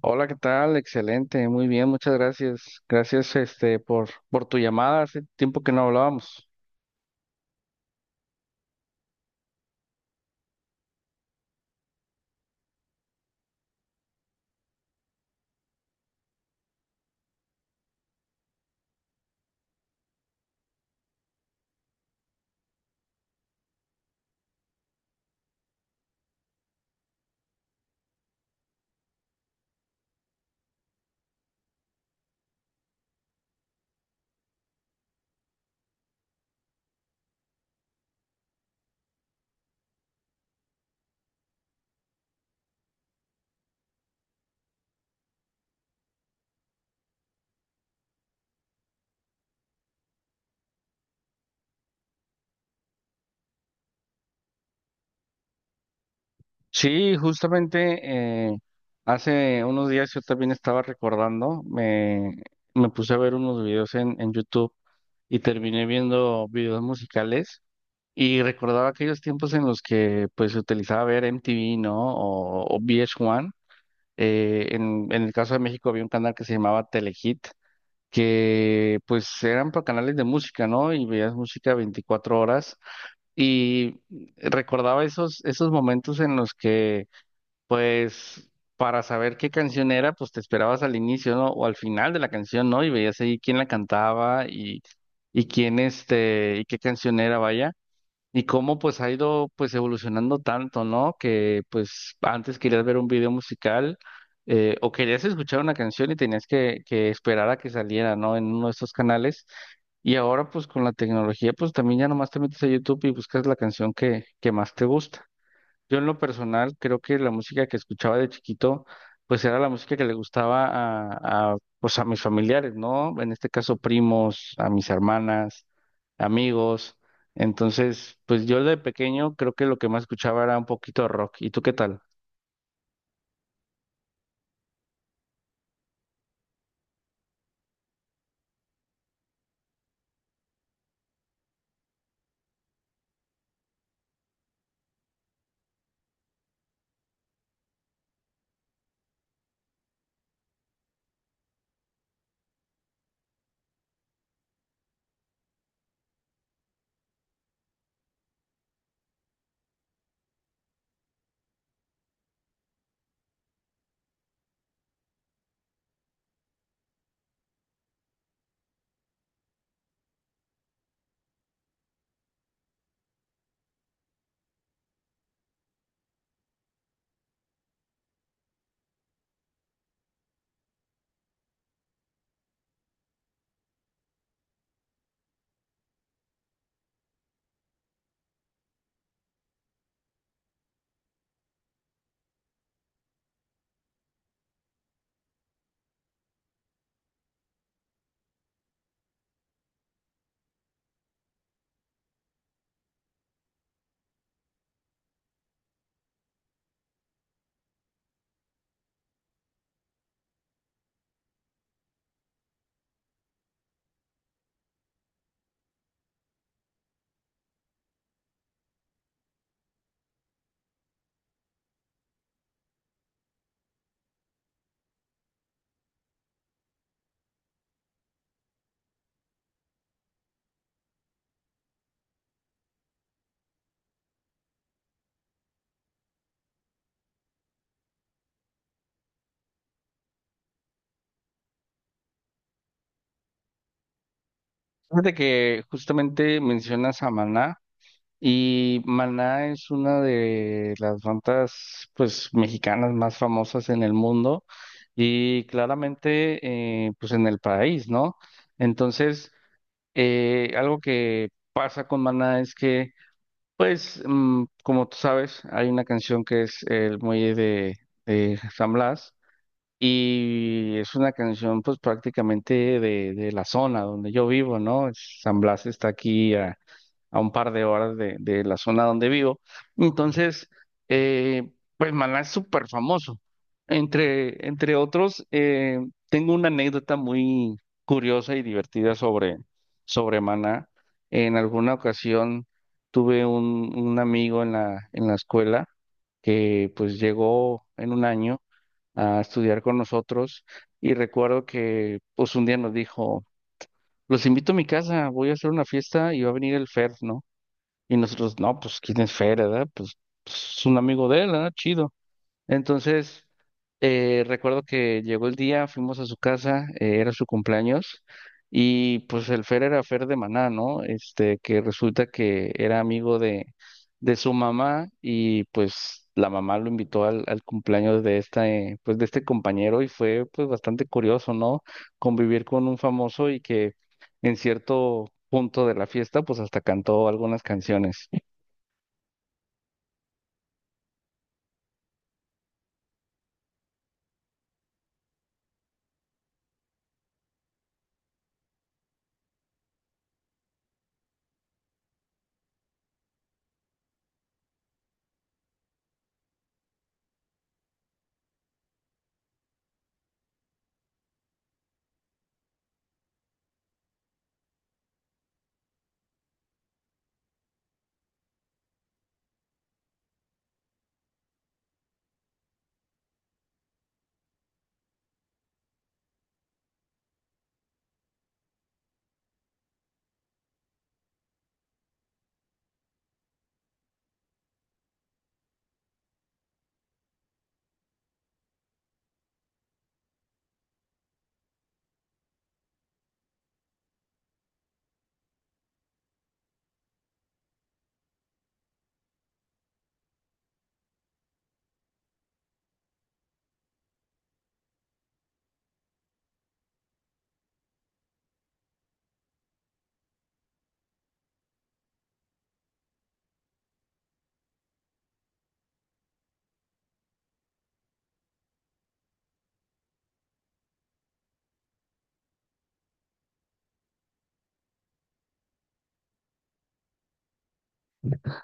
Hola, ¿qué tal? Excelente, muy bien, muchas gracias. Gracias, este, por tu llamada. Hace tiempo que no hablábamos. Sí, justamente hace unos días yo también estaba me puse a ver unos videos en YouTube y terminé viendo videos musicales y recordaba aquellos tiempos en los que pues se utilizaba ver MTV, ¿no? O VH1. En el caso de México había un canal que se llamaba Telehit que pues eran canales de música, ¿no? Y veías música 24 horas y recordaba esos momentos en los que pues para saber qué canción era, pues te esperabas al inicio, ¿no? O al final de la canción, ¿no? Y veías ahí quién la cantaba y quién este, y qué canción era, vaya. Y cómo pues ha ido pues evolucionando tanto, ¿no? Que pues antes querías ver un video musical, o querías escuchar una canción y tenías que esperar a que saliera, ¿no? En uno de estos canales. Y ahora pues con la tecnología pues también ya nomás te metes a YouTube y buscas la canción que más te gusta. Yo en lo personal creo que la música que escuchaba de chiquito, pues era la música que le gustaba pues a mis familiares, ¿no? En este caso primos, a mis hermanas, amigos. Entonces, pues yo de pequeño creo que lo que más escuchaba era un poquito de rock. ¿Y tú qué tal? Fíjate que justamente mencionas a Maná. Y Maná es una de las bandas, pues, mexicanas más famosas en el mundo y claramente, pues, en el país, ¿no? Entonces, algo que pasa con Maná es que, pues, mm, como tú sabes, hay una canción que es El Muelle de San Blas y es una canción, pues, prácticamente de la zona donde yo vivo, ¿no? San Blas está aquí a un par de horas de la zona donde vivo. Entonces, eh, pues Maná es súper famoso. Entre otros, tengo una anécdota muy curiosa y divertida sobre Maná. En alguna ocasión tuve un amigo en en la escuela que pues llegó en un año a estudiar con nosotros y recuerdo que pues un día nos dijo, los invito a mi casa, voy a hacer una fiesta y va a venir el Fer, ¿no? Y nosotros, no, pues, ¿quién es Fer, verdad? Pues, pues, es un amigo de él, ¿verdad? Chido. Entonces, recuerdo que llegó el día, fuimos a su casa, era su cumpleaños, y pues el Fer era Fer de Maná, ¿no? Este, que resulta que era amigo de su mamá, y pues la mamá lo invitó al cumpleaños de esta, pues de este compañero, y fue pues bastante curioso, ¿no? Convivir con un famoso y que en cierto punto de la fiesta, pues hasta cantó algunas canciones.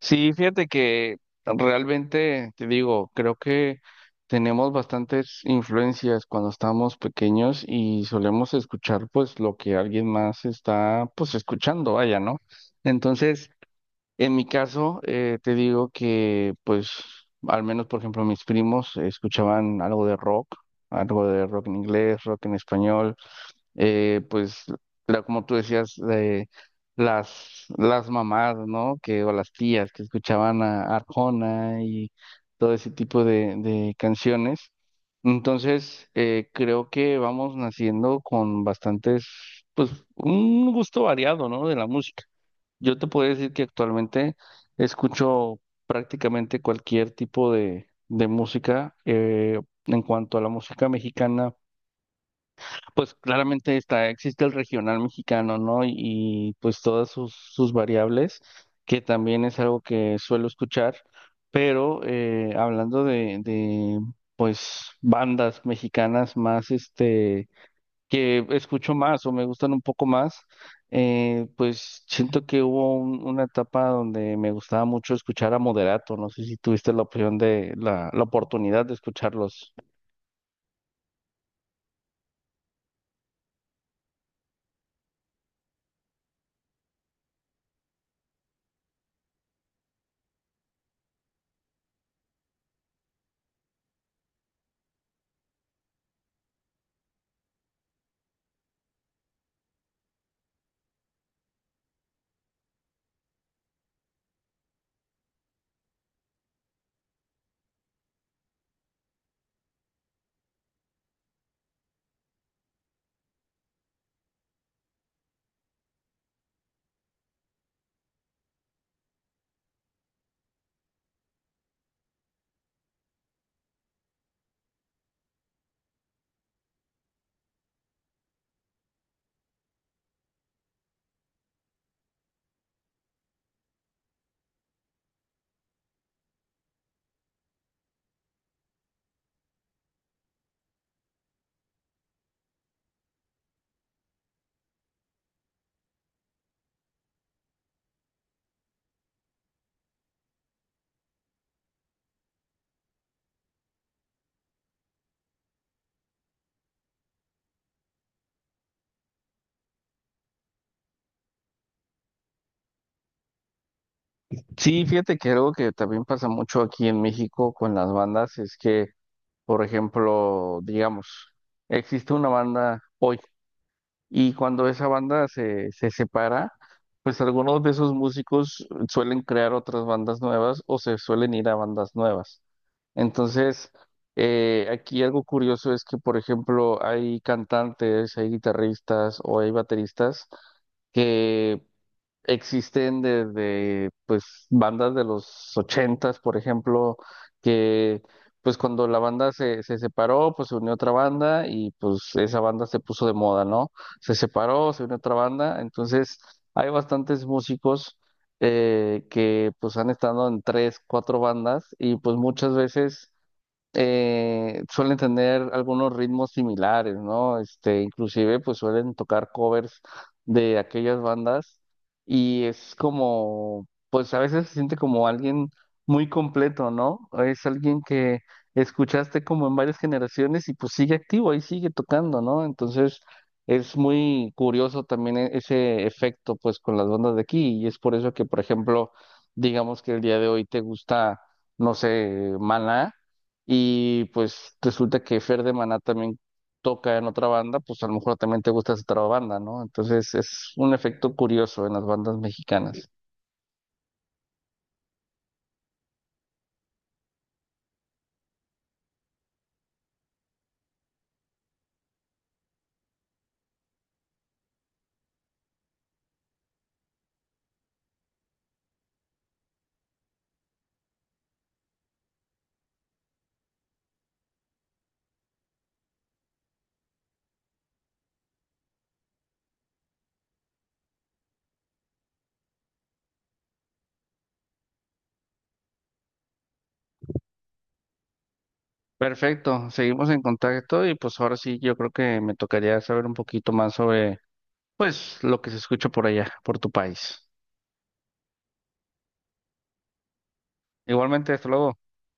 Sí, fíjate que realmente, te digo, creo que tenemos bastantes influencias cuando estamos pequeños y solemos escuchar pues lo que alguien más está pues escuchando, vaya, ¿no? Entonces, en mi caso, te digo que pues al menos, por ejemplo, mis primos escuchaban algo de rock en inglés, rock en español, pues como tú decías, las mamás, ¿no? Que, o las tías que escuchaban a Arjona y todo ese tipo de canciones. Entonces, creo que vamos naciendo con bastantes, pues un gusto variado, ¿no? De la música. Yo te puedo decir que actualmente escucho prácticamente cualquier tipo de música. En cuanto a la música mexicana, pues claramente existe el regional mexicano, ¿no? Pues todas sus variables, que también es algo que suelo escuchar, pero hablando pues bandas mexicanas más, este, que escucho más o me gustan un poco más, pues siento que hubo una etapa donde me gustaba mucho escuchar a Moderato, no sé si tuviste la opción de, la oportunidad de escucharlos. Sí, fíjate que algo que también pasa mucho aquí en México con las bandas es que, por ejemplo, digamos, existe una banda hoy y cuando esa banda se separa, pues algunos de esos músicos suelen crear otras bandas nuevas o se suelen ir a bandas nuevas. Entonces, aquí algo curioso es que, por ejemplo, hay cantantes, hay guitarristas o hay bateristas que existen desde pues bandas de los ochentas, por ejemplo, que pues cuando la banda se separó, pues se unió otra banda y pues esa banda se puso de moda, ¿no? Se separó, se unió otra banda, entonces hay bastantes músicos, que pues han estado en tres, cuatro bandas y pues muchas veces suelen tener algunos ritmos similares, ¿no? Este, inclusive pues suelen tocar covers de aquellas bandas y es como, pues a veces se siente como alguien muy completo, ¿no? Es alguien que escuchaste como en varias generaciones y pues sigue activo, ahí sigue tocando, ¿no? Entonces es muy curioso también ese efecto pues con las bandas de aquí y es por eso que, por ejemplo, digamos que el día de hoy te gusta, no sé, Maná y pues resulta que Fer de Maná también toca en otra banda, pues a lo mejor también te gusta esa otra banda, ¿no? Entonces es un efecto curioso en las bandas mexicanas. Perfecto, seguimos en contacto y pues ahora sí yo creo que me tocaría saber un poquito más sobre pues lo que se escucha por allá, por tu país. Igualmente, hasta luego.